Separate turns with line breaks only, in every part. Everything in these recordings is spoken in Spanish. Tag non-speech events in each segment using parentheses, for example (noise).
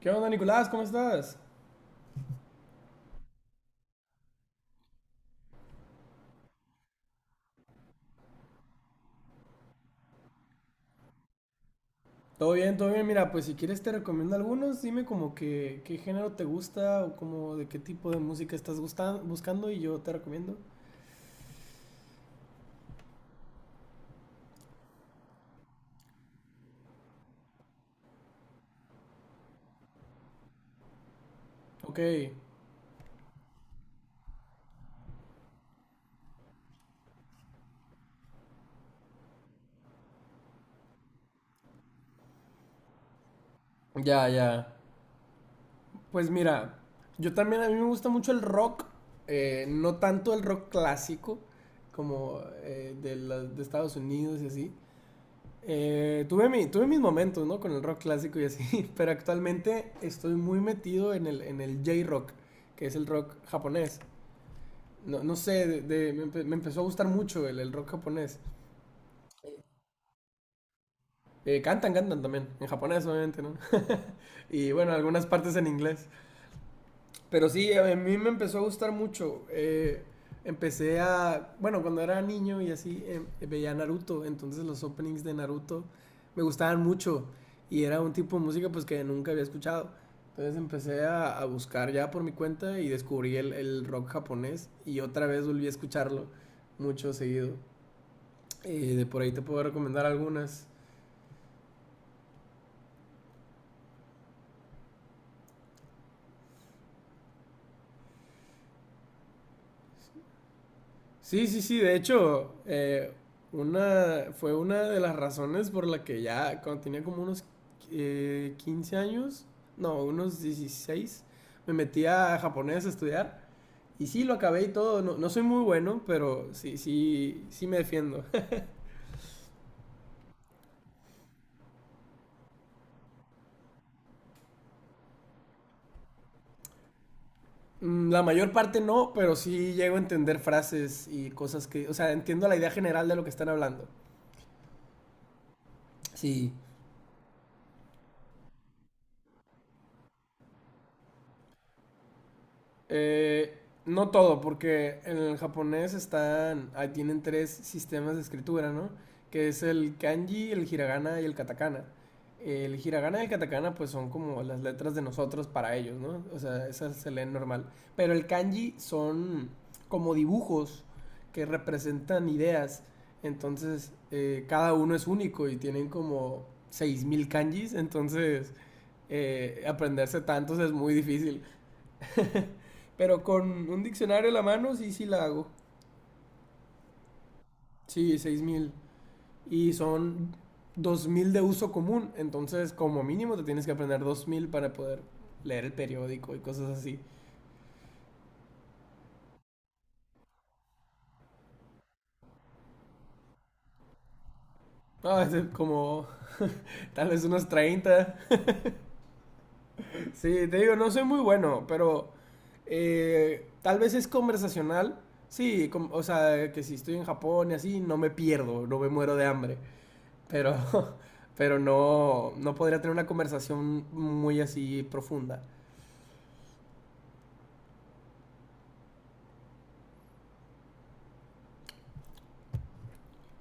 ¿Qué onda, Nicolás? ¿Cómo estás? Todo bien, todo bien. Mira, pues si quieres te recomiendo algunos. Dime como que qué género te gusta o como de qué tipo de música estás buscando y yo te recomiendo. Ok, ya, ya. Pues mira, yo también a mí me gusta mucho el rock, no tanto el rock clásico como de Estados Unidos y así. Tuve mis momentos, ¿no? Con el rock clásico y así, (laughs) pero actualmente estoy muy metido en el J-rock, que es el rock japonés. No, no sé, me empezó a gustar mucho el rock japonés. Cantan también, en japonés obviamente, ¿no? (laughs) Y bueno, algunas partes en inglés. Pero sí, a mí me empezó a gustar mucho. Bueno, cuando era niño y así, veía Naruto, entonces los openings de Naruto me gustaban mucho y era un tipo de música pues que nunca había escuchado. Entonces a buscar ya por mi cuenta y descubrí el rock japonés y otra vez volví a escucharlo mucho seguido. Y de por ahí te puedo recomendar algunas. Sí, sí, sí, de hecho, fue una de las razones por la que ya cuando tenía como unos 15 años, no, unos 16 me metí a japonés a estudiar. Y sí, lo acabé y todo. No, no soy muy bueno, pero sí, sí, sí me defiendo. (laughs) La mayor parte no, pero sí llego a entender frases y cosas que, o sea, entiendo la idea general de lo que están hablando. Sí. Eh, no todo, porque en el japonés están, ahí tienen tres sistemas de escritura, ¿no? Que es el kanji, el hiragana y el katakana. El hiragana y el katakana pues son como las letras de nosotros para ellos, ¿no? O sea, esas se leen normal. Pero el kanji son como dibujos que representan ideas. Entonces, cada uno es único y tienen como 6000 kanjis. Entonces, aprenderse tantos es muy difícil. (laughs) Pero con un diccionario a la mano sí, sí la hago. Sí, 6000. Y son 2000 de uso común. Entonces, como mínimo, te tienes que aprender 2000 para poder leer el periódico y cosas así. No, es como tal vez unos 30. Sí, te digo, no soy muy bueno, pero tal vez es conversacional. Sí, o sea, que si estoy en Japón y así, no me pierdo, no me muero de hambre. Pero, (laughs) pero no, no podría tener una conversación muy así profunda.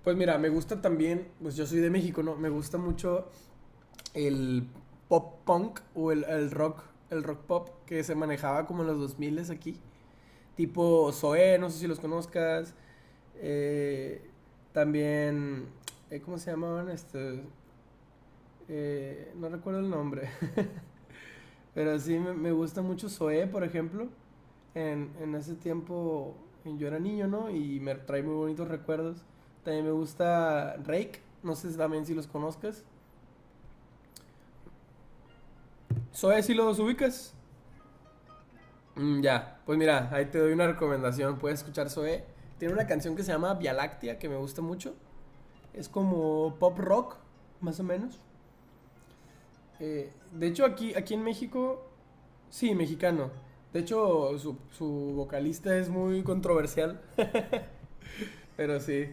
Pues mira, me gusta también, pues yo soy de México, ¿no? Me gusta mucho el pop punk o el rock, el rock pop que se manejaba como en los 2000 aquí. Tipo Zoé, no sé si los conozcas. eh, También, ¿cómo se llamaban estos? No recuerdo el nombre. (laughs) Pero sí, me gusta mucho Zoé, por ejemplo. En ese tiempo yo era niño, ¿no? Y me trae muy bonitos recuerdos. También me gusta Rake, no sé si también si los conozcas. Zoé si los ubicas. Mm, ya, pues mira, ahí te doy una recomendación, puedes escuchar Zoé. Tiene una canción que se llama Via Láctea, que me gusta mucho. Es como pop rock, más o menos. De hecho, aquí en México, sí, mexicano. De hecho, su vocalista es muy controversial, pero sí.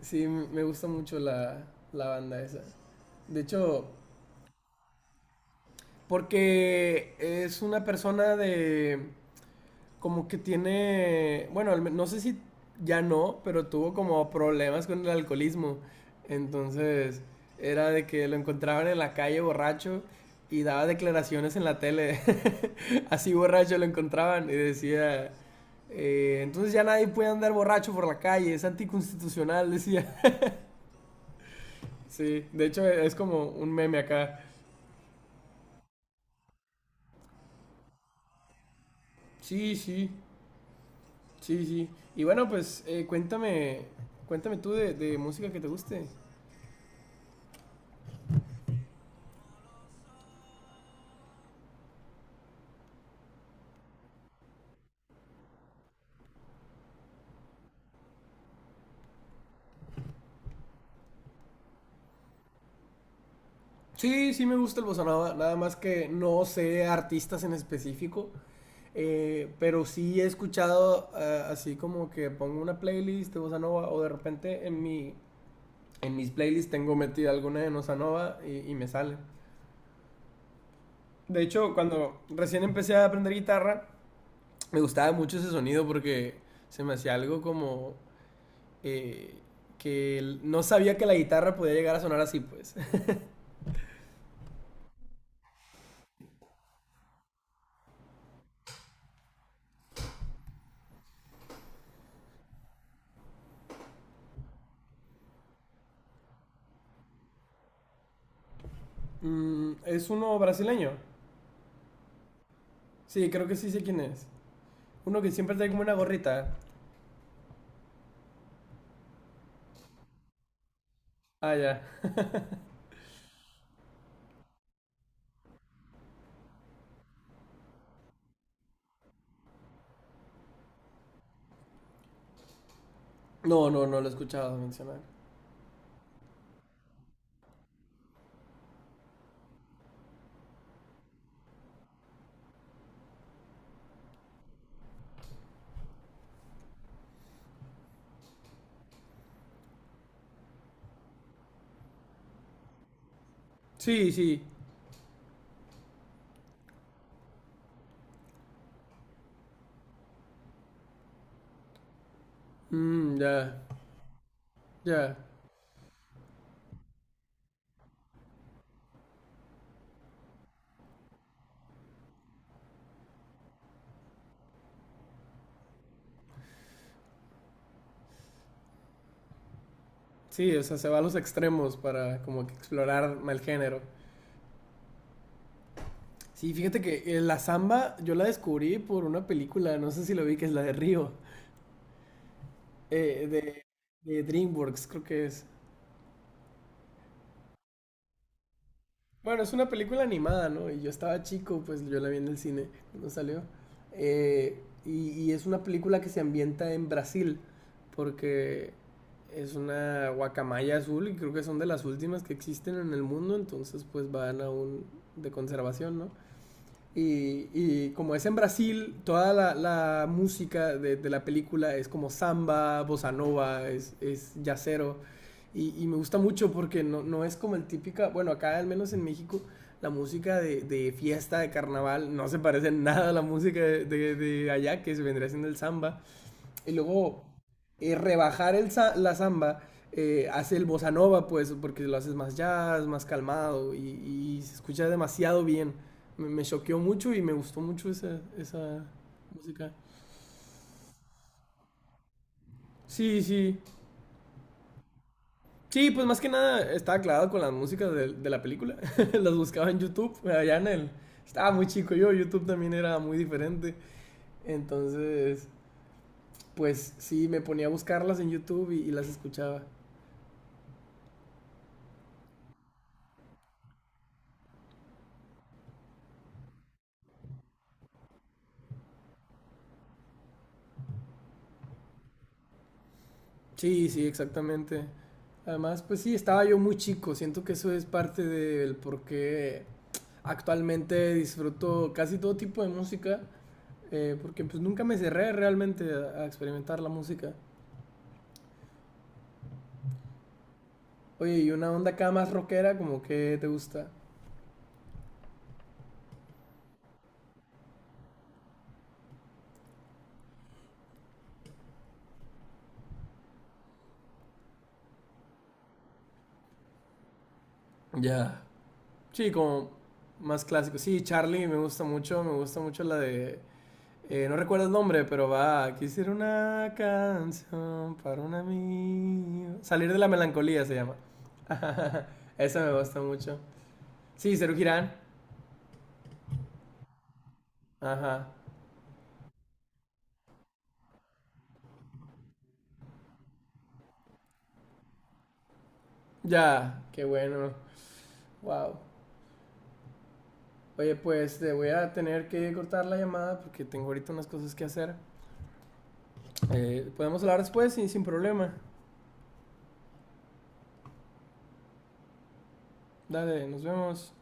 Sí, me gusta mucho la banda esa. De hecho, porque es una persona de... Como que tiene... Bueno, no sé si ya no, pero tuvo como problemas con el alcoholismo. Entonces, era de que lo encontraban en la calle borracho y daba declaraciones en la tele. (laughs) Así borracho lo encontraban y decía... entonces ya nadie puede andar borracho por la calle, es anticonstitucional, decía. (laughs) Sí, de hecho es como un meme acá. Sí, sí, sí, sí. Y bueno, pues cuéntame, cuéntame tú de música que te guste. Sí, sí me gusta el bossa nova, nada más que no sé artistas en específico, pero sí he escuchado así como que pongo una playlist de bossa nova o de repente en mis playlists tengo metida alguna de bossa nova y me sale. De hecho, cuando recién empecé a aprender guitarra, me gustaba mucho ese sonido porque se me hacía algo como eh, que no sabía que la guitarra podía llegar a sonar así, pues. (laughs) Mm, es uno brasileño. Sí, creo que sí sé quién es. Uno que siempre trae como una gorrita. Ah, ya. No, no, no lo he escuchado mencionar. Sí, sí. Mm, ya, ya. Sí, o sea, se va a los extremos para como que explorar el género. Sí, fíjate que la samba yo la descubrí por una película, no sé si lo vi, que es la de Río, eh, de, de DreamWorks, creo que es. Bueno, es una película animada, ¿no? Y yo estaba chico, pues yo la vi en el cine cuando salió. Eh, y es una película que se ambienta en Brasil, porque es una guacamaya azul y creo que son de las últimas que existen en el mundo, entonces pues van a un de conservación, ¿no? Y como es en Brasil, toda la música de la película es como samba, bossa nova, es yacero. Y me gusta mucho porque no es como el típica, bueno, acá al menos en México, la música de fiesta, de carnaval, no se parece nada a la música de allá, que se vendría siendo el samba. Y luego la samba hace el bossa nova, pues, porque lo haces más jazz, más calmado y se escucha demasiado bien. Me choqueó mucho y me gustó mucho esa música. Sí, sí. Sí, pues más que nada estaba clavado con las músicas de la película. (laughs) Las buscaba en YouTube, allá en el... Estaba muy chico yo, YouTube también era muy diferente. Entonces, pues sí, me ponía a buscarlas en YouTube y las escuchaba. Sí, sí, exactamente. Además, pues sí, estaba yo muy chico. Siento que eso es parte del por qué actualmente disfruto casi todo tipo de música. Porque pues nunca me cerré realmente a experimentar la música. Oye, y una onda acá más rockera, como que te gusta. Ya. Sí, como más clásico. Sí, Charlie me gusta mucho la de... No recuerdo el nombre, pero va. Quisiera una canción para un amigo. Salir de la melancolía se llama. (laughs) Esa me gusta mucho. Sí, Serú Girán. Ajá. Ya, qué bueno. Wow. Oye, pues te voy a tener que cortar la llamada porque tengo ahorita unas cosas que hacer. Podemos hablar después y sin problema. Dale, nos vemos.